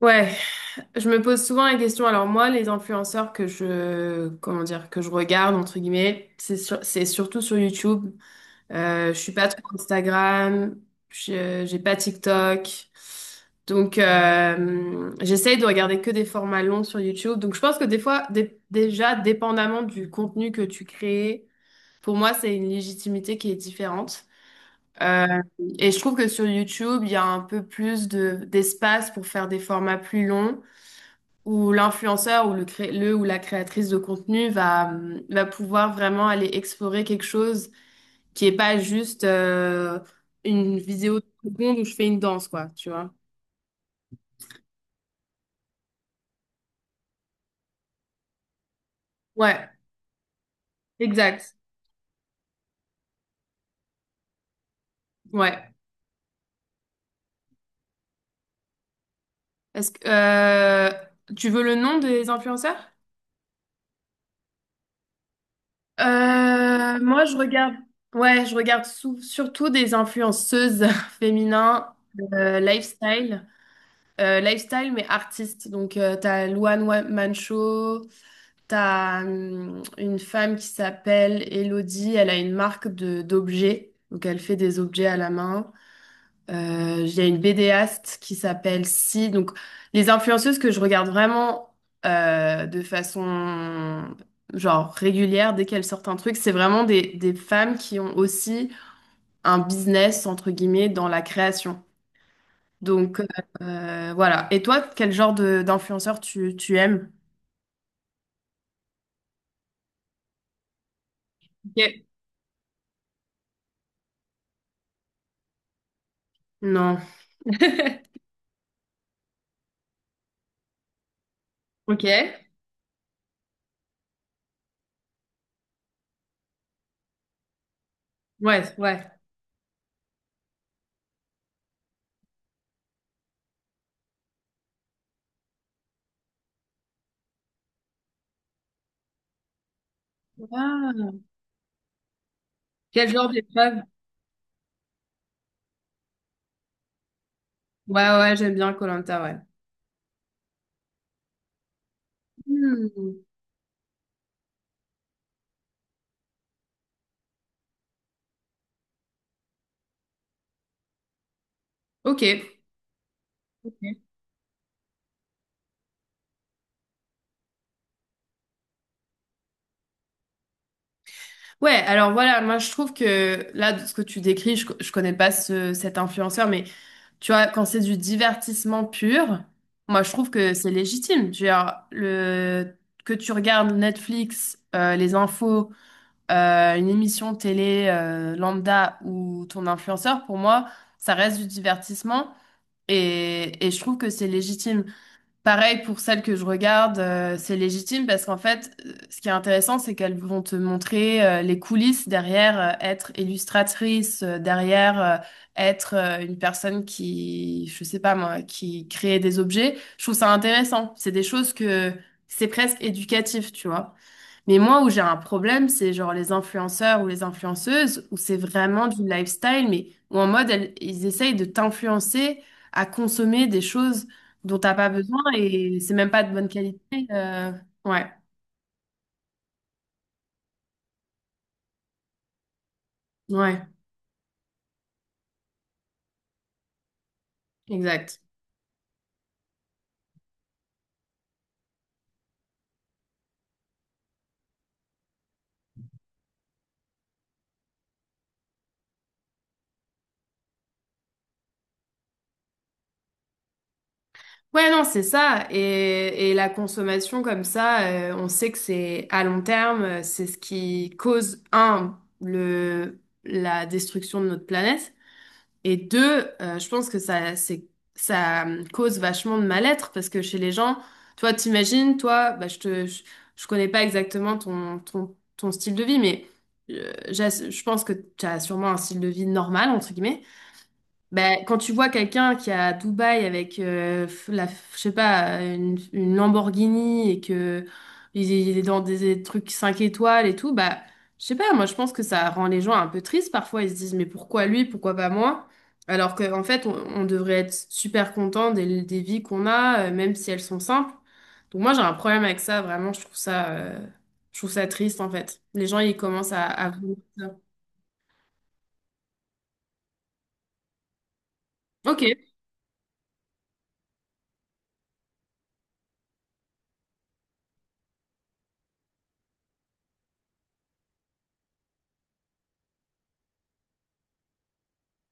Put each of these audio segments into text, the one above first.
Ouais, je me pose souvent la question. Alors moi, les influenceurs que je regarde entre guillemets, c'est surtout sur YouTube. Je suis pas trop Instagram, j'ai pas TikTok, donc j'essaye de regarder que des formats longs sur YouTube. Donc je pense que des fois, déjà, dépendamment du contenu que tu crées, pour moi, c'est une légitimité qui est différente. Euh, et je trouve que sur YouTube, il y a un peu plus de d'espace pour faire des formats plus longs où l'influenceur ou le ou la créatrice de contenu va pouvoir vraiment aller explorer quelque chose qui est pas juste une vidéo de seconde où je fais une danse, quoi, tu vois. Ouais, exact. Ouais. Est-ce que tu veux le nom des influenceurs? Moi, je regarde. Ouais, je regarde surtout des influenceuses féminines, lifestyle, lifestyle mais artistes. Donc, tu as Mancho. T'as une femme qui s'appelle Elodie, elle a une marque de d'objets, donc elle fait des objets à la main. Il y a une BDaste qui s'appelle Si. Donc les influenceuses que je regarde vraiment de façon genre régulière, dès qu'elles sortent un truc, c'est vraiment des femmes qui ont aussi un business entre guillemets dans la création. Donc voilà. Et toi, quel genre de d'influenceur tu aimes? Ok. Non. Ok. Ouais, ouais. Ah, quel genre d'épreuve? Ouais, ouais, j'aime bien koh ouais. Hmm. Ok. Ouais, alors voilà, moi je trouve que là, de ce que tu décris, je connais pas cet influenceur, mais tu vois, quand c'est du divertissement pur, moi je trouve que c'est légitime. Tu vois, que tu regardes Netflix, les infos, une émission télé lambda ou ton influenceur, pour moi, ça reste du divertissement et je trouve que c'est légitime. Pareil pour celles que je regarde, c'est légitime parce qu'en fait, ce qui est intéressant, c'est qu'elles vont te montrer les coulisses derrière, être illustratrice, derrière, être une personne qui, je sais pas moi, qui crée des objets. Je trouve ça intéressant. C'est des choses que c'est presque éducatif, tu vois. Mais moi, où j'ai un problème, c'est genre les influenceurs ou les influenceuses, où c'est vraiment du lifestyle, mais où en mode, ils essayent de t'influencer à consommer des choses dont t'as pas besoin et c'est même pas de bonne qualité. euh, Ouais, ouais, exact. Ouais, non, c'est ça. Et la consommation comme ça, on sait que c'est à long terme, c'est ce qui cause, un, la destruction de notre planète. Et deux, je pense que ça cause vachement de mal-être parce que chez les gens, toi, t'imagines, toi, bah, je connais pas exactement ton style de vie, mais je pense que tu as sûrement un style de vie normal, entre guillemets. Ben, quand tu vois quelqu'un qui est à Dubaï avec je sais pas, une Lamborghini et que il est dans des trucs 5 étoiles et tout, bah, je sais pas, moi je pense que ça rend les gens un peu tristes parfois. Ils se disent, mais pourquoi lui, pourquoi pas moi? Alors qu'en fait, on devrait être super content des vies qu'on a, même si elles sont simples. Donc moi j'ai un problème avec ça, vraiment, je trouve ça triste en fait. Les gens, ils commencent à vouloir ça. Ok,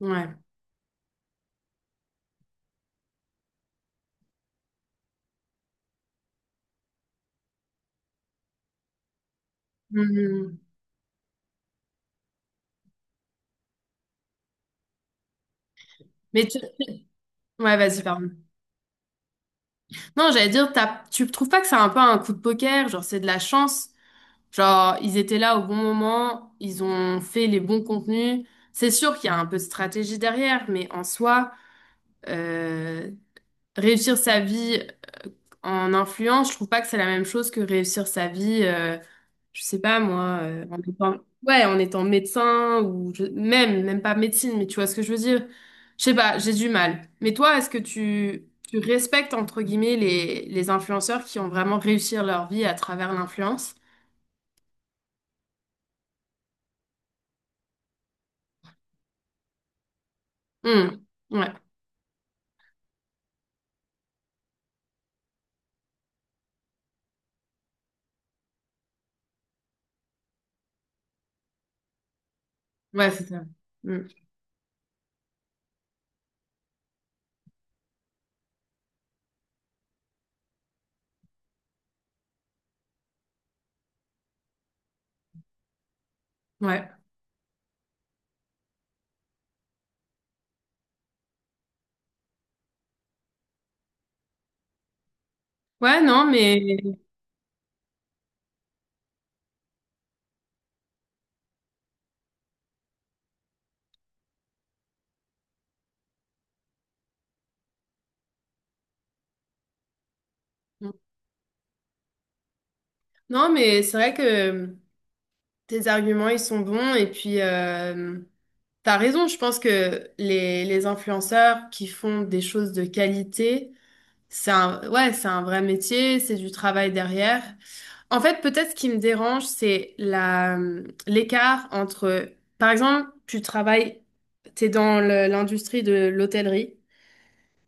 ouais. Mhm. Mais tu... Ouais, vas-y, pardon. Non, j'allais dire, tu trouves pas que c'est un peu un coup de poker, genre c'est de la chance. Genre, ils étaient là au bon moment, ils ont fait les bons contenus. C'est sûr qu'il y a un peu de stratégie derrière, mais en soi, euh, réussir sa vie en influence, je trouve pas que c'est la même chose que réussir sa vie. Je sais pas moi, ouais, en étant médecin ou même, même pas médecine, mais tu vois ce que je veux dire? Je sais pas, j'ai du mal. Mais toi, est-ce que tu respectes entre guillemets les influenceurs qui ont vraiment réussi leur vie à travers l'influence? Hmm. Ouais, ouais, c'est ça. Hmm. Ouais, ouais, non, mais c'est vrai que tes arguments ils sont bons et puis. T'as raison, je pense que les influenceurs qui font des choses de qualité, c'est un, ouais, c'est un vrai métier, c'est du travail derrière. En fait, peut-être ce qui me dérange, c'est l'écart entre, par exemple, tu travailles, t'es dans l'industrie de l'hôtellerie,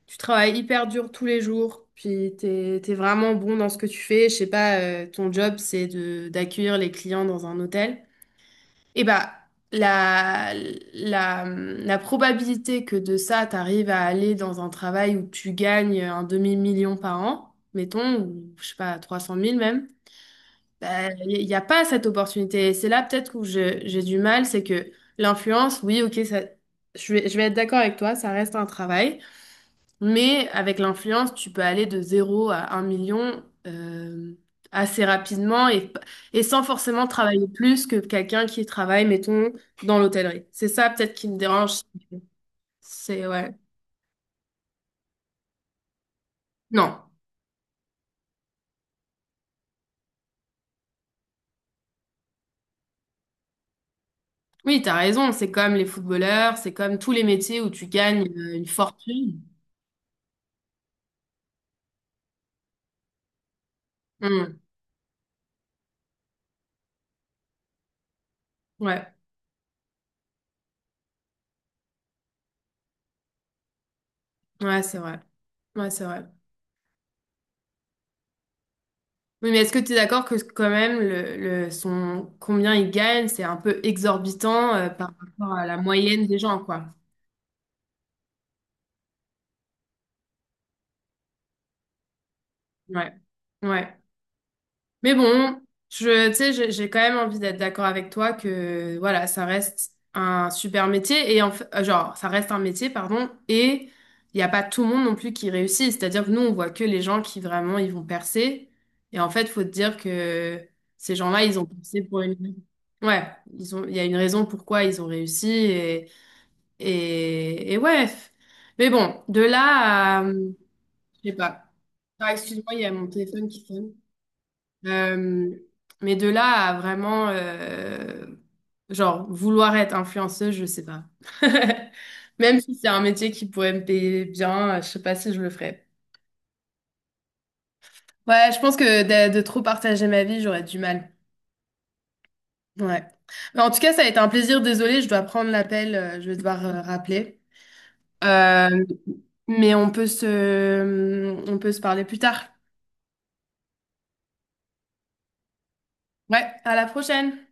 tu travailles hyper dur tous les jours, puis t'es vraiment bon dans ce que tu fais. Je sais pas, ton job, c'est d'accueillir les clients dans un hôtel. Eh bah, la, la probabilité que de ça, t'arrives à aller dans un travail où tu gagnes un demi-million par an, mettons, ou je sais pas, trois cent mille même, il n'y a pas cette opportunité. Et c'est là peut-être où j'ai du mal, c'est que l'influence, oui, ok, ça, je vais être d'accord avec toi, ça reste un travail, mais avec l'influence, tu peux aller de zéro à un million assez rapidement et sans forcément travailler plus que quelqu'un qui travaille, mettons, dans l'hôtellerie. C'est ça peut-être qui me dérange. C'est ouais. Non. Oui, t'as raison. C'est comme les footballeurs, c'est comme tous les métiers où tu gagnes une fortune. Hmm. Ouais, ouais, c'est vrai. Ouais, c'est vrai. Oui, mais est-ce que tu es d'accord que quand même le son combien il gagne, c'est un peu exorbitant par rapport à la moyenne des gens, quoi? Ouais, ouais. Mais bon, je, tu sais, j'ai quand même envie d'être d'accord avec toi que voilà, ça reste un super métier et en fait, ça reste un métier, pardon, et il n'y a pas tout le monde non plus qui réussit. C'est-à-dire que nous, on voit que les gens qui vraiment ils vont percer. Et en fait, faut te dire que ces gens-là, ils ont percé pour une. Raison. Ouais, ils ont, il y a une raison pourquoi ils ont réussi et ouais. Mais bon, de là à. Je sais pas. Ah, excuse-moi, il y a mon téléphone qui sonne. Euh, mais de là à vraiment, vouloir être influenceuse, je sais pas. Même si c'est un métier qui pourrait me payer bien, je sais pas si je le ferais. Ouais, je pense que de trop partager ma vie, j'aurais du mal. Ouais. Mais en tout cas, ça a été un plaisir. Désolée, je dois prendre l'appel, je vais devoir rappeler. Euh, mais on peut se parler plus tard. Ouais, à la prochaine!